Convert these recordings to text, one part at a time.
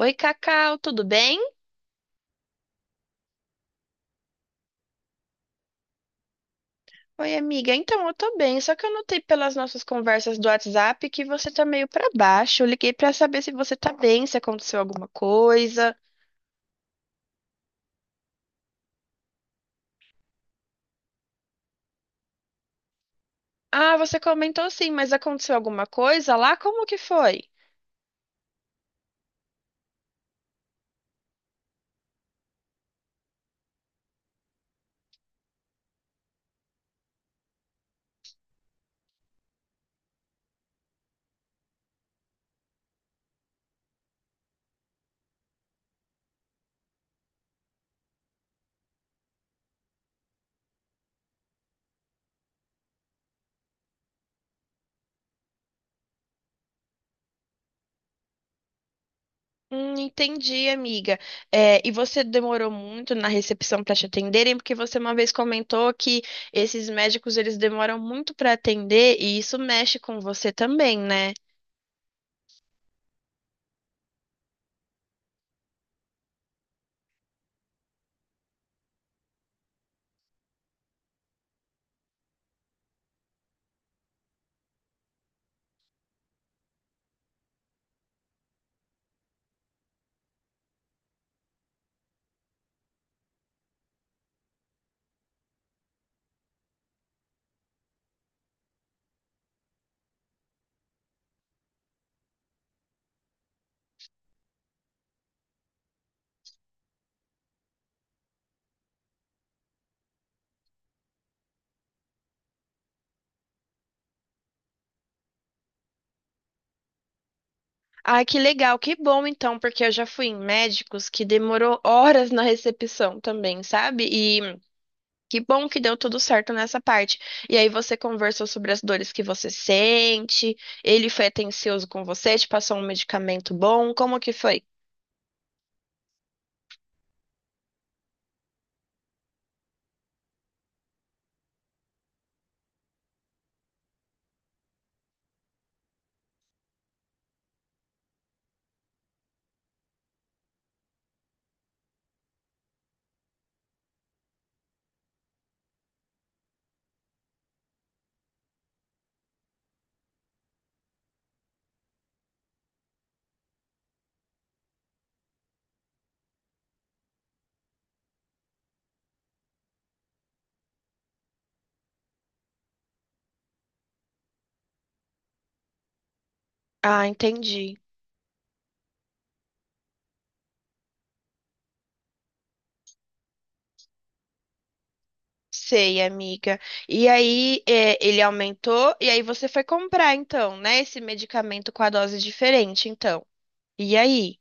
Oi, Cacau, tudo bem? Oi, amiga. Então, eu tô bem, só que eu notei pelas nossas conversas do WhatsApp que você tá meio pra baixo. Eu liguei pra saber se você tá bem, se aconteceu alguma coisa. Ah, você comentou sim, mas aconteceu alguma coisa lá? Como que foi? Entendi, amiga. É, e você demorou muito na recepção para te atenderem, porque você uma vez comentou que esses médicos eles demoram muito para atender e isso mexe com você também, né? Ai, que legal, que bom então, porque eu já fui em médicos que demorou horas na recepção também, sabe? E que bom que deu tudo certo nessa parte. E aí você conversou sobre as dores que você sente, ele foi atencioso com você, te passou um medicamento bom, como que foi? Ah, entendi. Sei, amiga. E aí, é, ele aumentou, e aí você foi comprar então, né, esse medicamento com a dose diferente, então. E aí?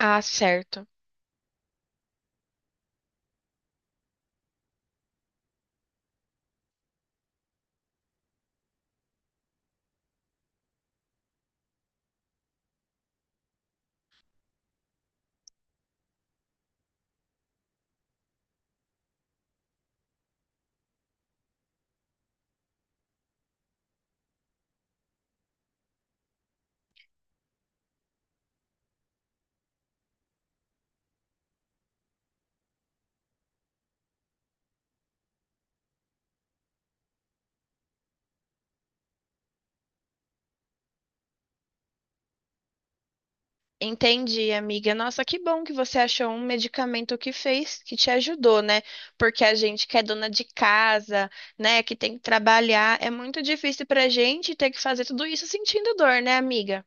Ah, certo. Entendi, amiga. Nossa, que bom que você achou um medicamento que fez, que te ajudou, né? Porque a gente que é dona de casa, né, que tem que trabalhar, é muito difícil pra gente ter que fazer tudo isso sentindo dor, né, amiga?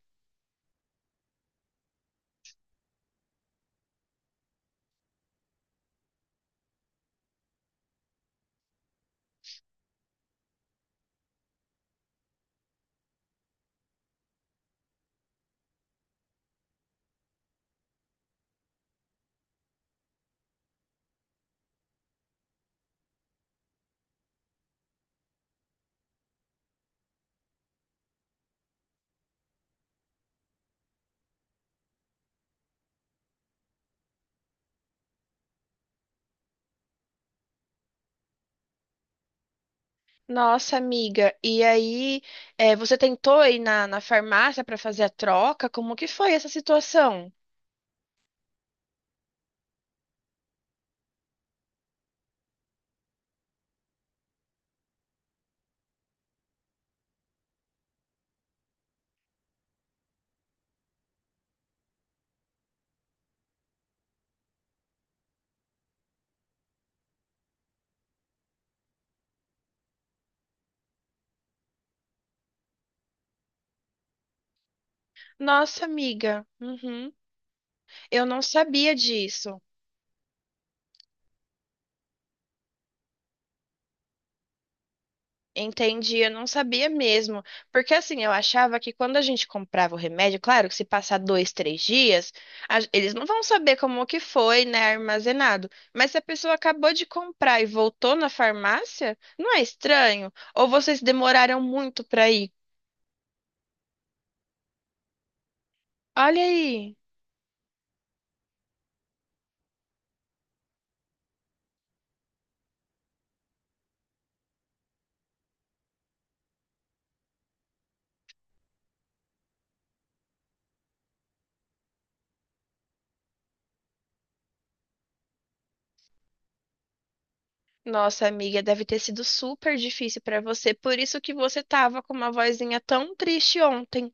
Nossa, amiga. E aí, eh, você tentou ir na farmácia pra fazer a troca? Como que foi essa situação? Nossa, amiga. Uhum. Eu não sabia disso. Entendi, eu não sabia mesmo. Porque assim, eu achava que quando a gente comprava o remédio, claro que se passar dois, três dias, a- eles não vão saber como que foi, né, armazenado. Mas se a pessoa acabou de comprar e voltou na farmácia, não é estranho? Ou vocês demoraram muito para ir? Olha aí. Nossa, amiga, deve ter sido super difícil para você, por isso que você tava com uma vozinha tão triste ontem.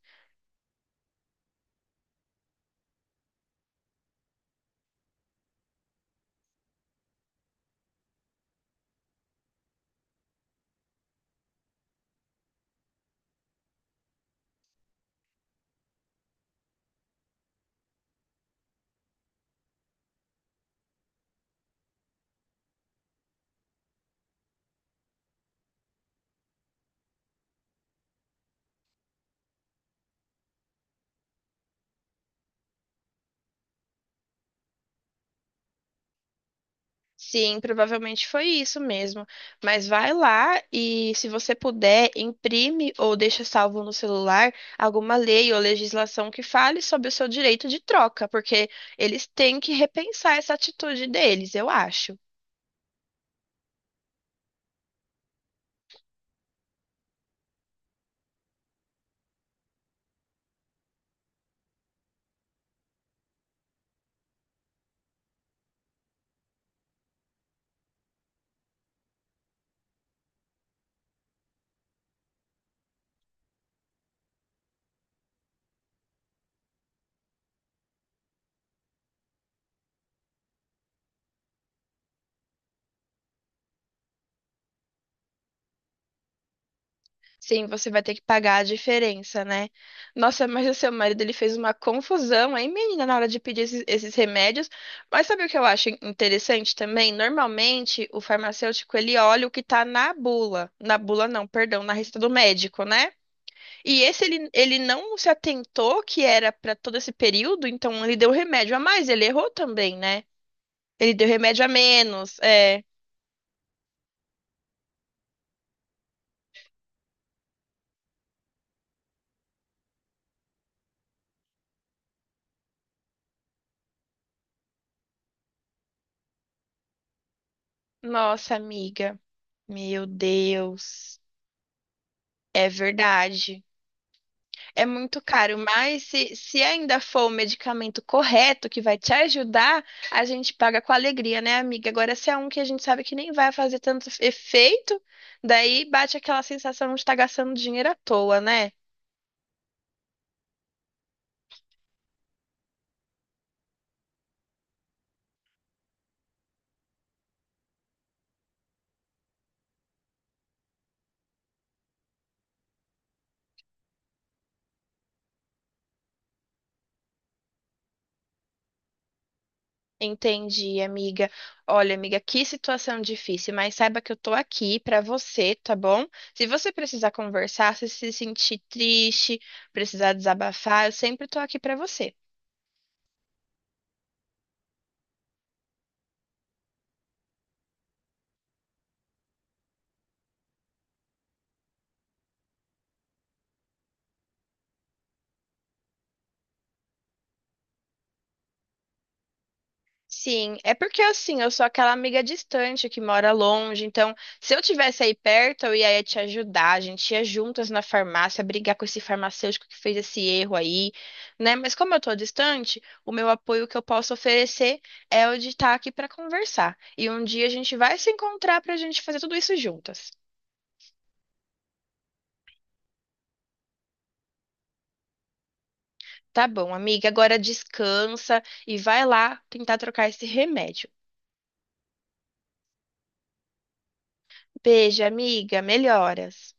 Sim, provavelmente foi isso mesmo. Mas vai lá e, se você puder, imprime ou deixa salvo no celular alguma lei ou legislação que fale sobre o seu direito de troca, porque eles têm que repensar essa atitude deles, eu acho. Sim, você vai ter que pagar a diferença, né? Nossa, mas o seu marido ele fez uma confusão aí, menina, na hora de pedir esses remédios. Mas sabe o que eu acho interessante também? Normalmente, o farmacêutico ele olha o que tá na bula. Na bula não, perdão, na receita do médico, né? E esse ele, ele não se atentou que era para todo esse período, então ele deu remédio a mais, ele errou também, né? Ele deu remédio a menos. É. Nossa, amiga. Meu Deus. É verdade. É muito caro, mas se ainda for o medicamento correto que vai te ajudar, a gente paga com alegria, né, amiga? Agora, se é um que a gente sabe que nem vai fazer tanto efeito, daí bate aquela sensação de estar gastando dinheiro à toa, né? Entendi, amiga. Olha, amiga, que situação difícil, mas saiba que eu tô aqui pra você, tá bom? Se você precisar conversar, se sentir triste, precisar desabafar, eu sempre tô aqui pra você. Sim, é porque assim, eu sou aquela amiga distante que mora longe, então se eu tivesse aí perto, eu ia te ajudar, a gente ia juntas na farmácia brigar com esse farmacêutico que fez esse erro aí, né? Mas como eu tô distante, o meu apoio que eu posso oferecer é o de estar aqui para conversar. E um dia a gente vai se encontrar pra gente fazer tudo isso juntas. Tá bom, amiga, agora descansa e vai lá tentar trocar esse remédio. Beijo, amiga, melhoras.